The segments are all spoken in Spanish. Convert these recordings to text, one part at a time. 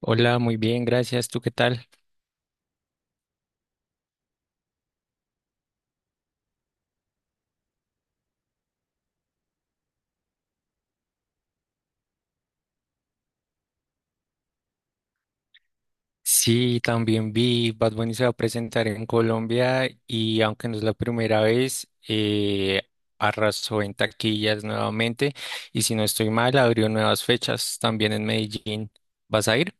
Hola, muy bien, gracias. ¿Tú qué tal? Sí, también vi Bad Bunny se va a presentar en Colombia y aunque no es la primera vez, arrasó en taquillas nuevamente y si no estoy mal, abrió nuevas fechas también en Medellín. ¿Vas a ir?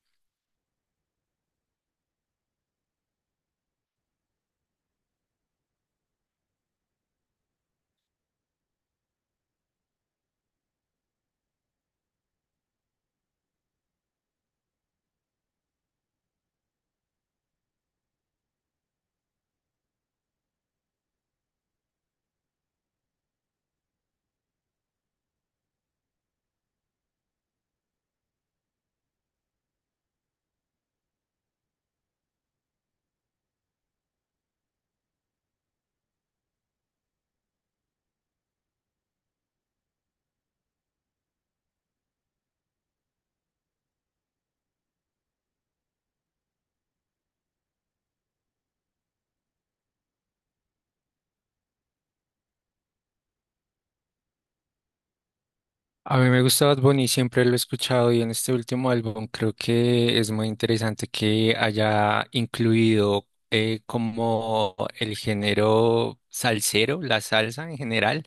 A mí me gusta Bad Bunny, siempre lo he escuchado y en este último álbum creo que es muy interesante que haya incluido como el género salsero, la salsa en general,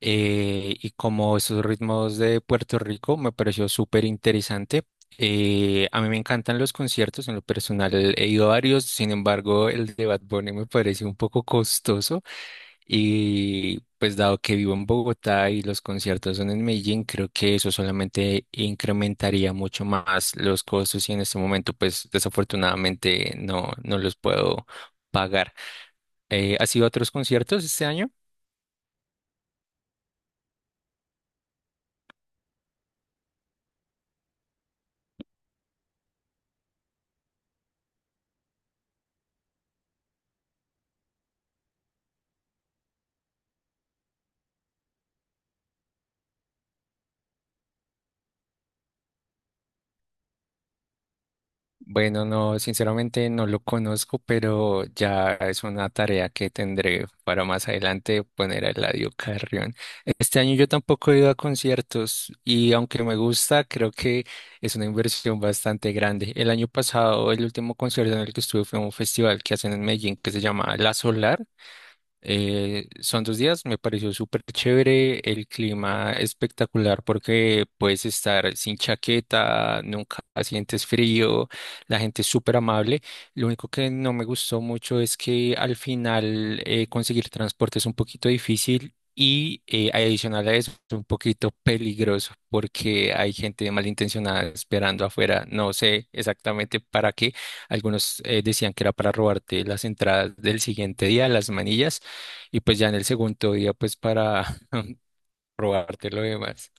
y como esos ritmos de Puerto Rico me pareció súper interesante. A mí me encantan los conciertos, en lo personal he ido a varios, sin embargo el de Bad Bunny me parece un poco costoso y pues dado que vivo en Bogotá y los conciertos son en Medellín, creo que eso solamente incrementaría mucho más los costos y en este momento pues desafortunadamente no, no los puedo pagar. ¿Has ido a otros conciertos este año? Bueno, no, sinceramente no lo conozco, pero ya es una tarea que tendré para más adelante poner a Eladio Carrión. Este año yo tampoco he ido a conciertos y aunque me gusta, creo que es una inversión bastante grande. El año pasado, el último concierto en el que estuve fue un festival que hacen en Medellín que se llama La Solar, son dos días, me pareció súper chévere, el clima espectacular porque puedes estar sin chaqueta, nunca sientes frío, la gente es súper amable. Lo único que no me gustó mucho es que al final, conseguir transporte es un poquito difícil. Y, adicional a eso, es un poquito peligroso porque hay gente malintencionada esperando afuera. No sé exactamente para qué. Algunos, decían que era para robarte las entradas del siguiente día, las manillas, y pues ya en el segundo día pues para probarte lo demás.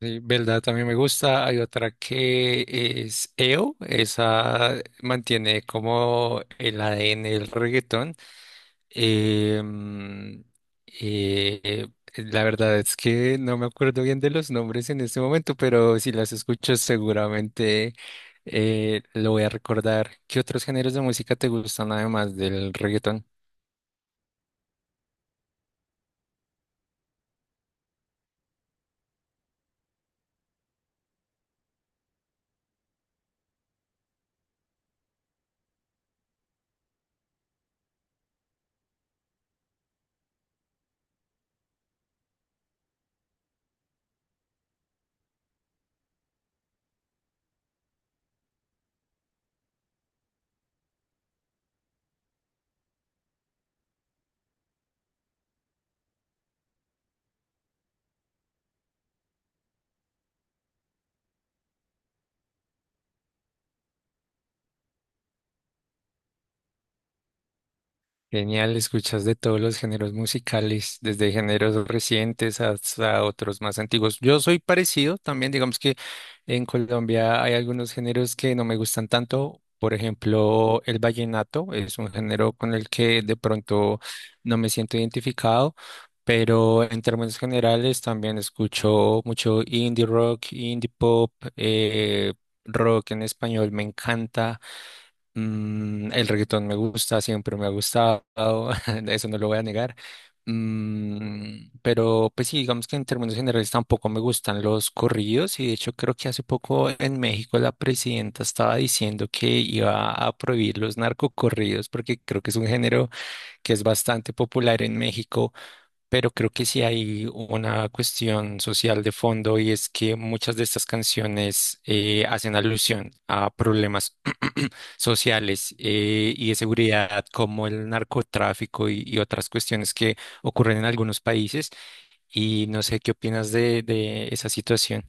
Sí, verdad, también me gusta. Hay otra que es EO, esa mantiene como el ADN del reggaetón. Em, eh, la verdad es que no me acuerdo bien de los nombres en este momento, pero si las escuchas seguramente, lo voy a recordar. ¿Qué otros géneros de música te gustan además del reggaetón? Genial, escuchas de todos los géneros musicales, desde géneros recientes hasta otros más antiguos. Yo soy parecido también, digamos que en Colombia hay algunos géneros que no me gustan tanto. Por ejemplo, el vallenato es un género con el que de pronto no me siento identificado, pero en términos generales también escucho mucho indie rock, indie pop, rock en español me encanta. Mm, el reggaetón me gusta, siempre me ha gustado, eso no lo voy a negar. Mm, pero pues sí, digamos que en términos generales tampoco me gustan los corridos y de hecho creo que hace poco en México la presidenta estaba diciendo que iba a prohibir los narcocorridos porque creo que es un género que es bastante popular en México, pero creo que sí hay una cuestión social de fondo y es que muchas de estas canciones hacen alusión a problemas sociales, y de seguridad como el narcotráfico y otras cuestiones que ocurren en algunos países. Y no sé qué opinas de esa situación.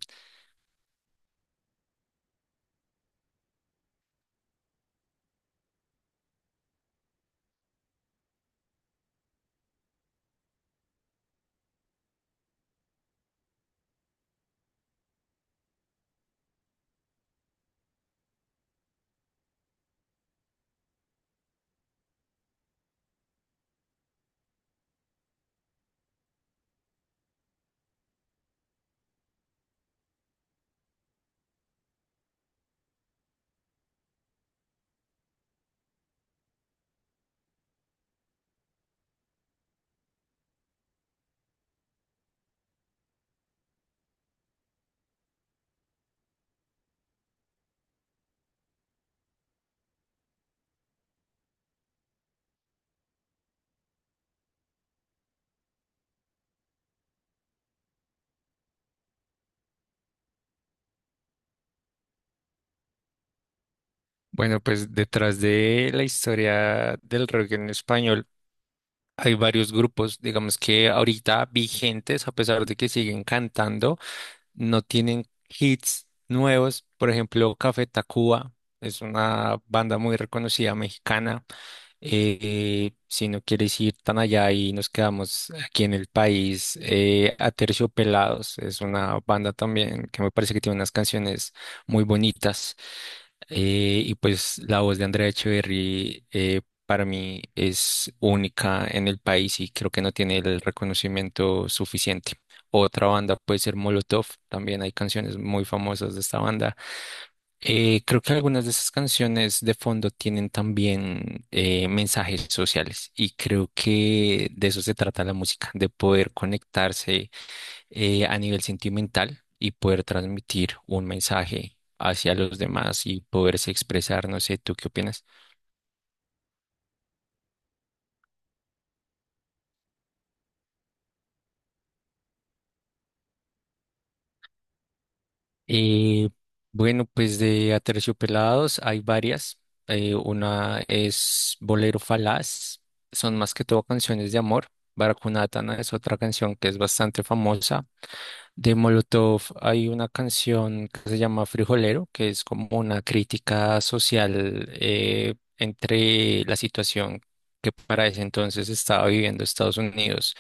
Bueno, pues detrás de la historia del rock en español hay varios grupos, digamos que ahorita vigentes, a pesar de que siguen cantando, no tienen hits nuevos. Por ejemplo, Café Tacuba es una banda muy reconocida mexicana. Si no quieres ir tan allá y nos quedamos aquí en el país, Aterciopelados es una banda también que me parece que tiene unas canciones muy bonitas. Y pues la voz de Andrea Echeverry, para mí es única en el país y creo que no tiene el reconocimiento suficiente. Otra banda puede ser Molotov, también hay canciones muy famosas de esta banda. Creo que algunas de esas canciones de fondo tienen también, mensajes sociales y creo que de eso se trata la música, de poder conectarse, a nivel sentimental y poder transmitir un mensaje hacia los demás y poderse expresar, no sé, ¿tú qué opinas? Eh, bueno, pues de Aterciopelados hay varias. Una es Bolero Falaz, son más que todo canciones de amor. Baracunatana es otra canción que es bastante famosa. De Molotov hay una canción que se llama Frijolero, que es como una crítica social, entre la situación que para ese entonces estaba viviendo Estados Unidos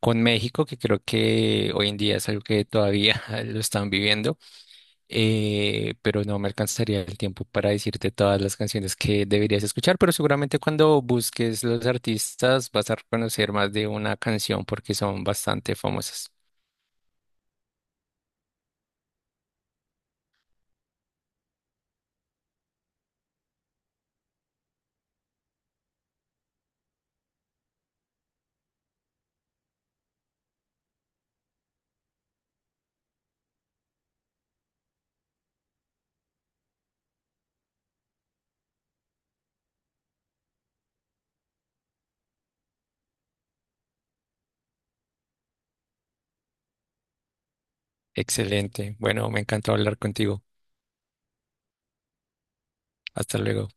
con México, que creo que hoy en día es algo que todavía lo están viviendo, pero no me alcanzaría el tiempo para decirte todas las canciones que deberías escuchar, pero seguramente cuando busques los artistas vas a reconocer más de una canción porque son bastante famosas. Excelente. Bueno, me encantó hablar contigo. Hasta luego.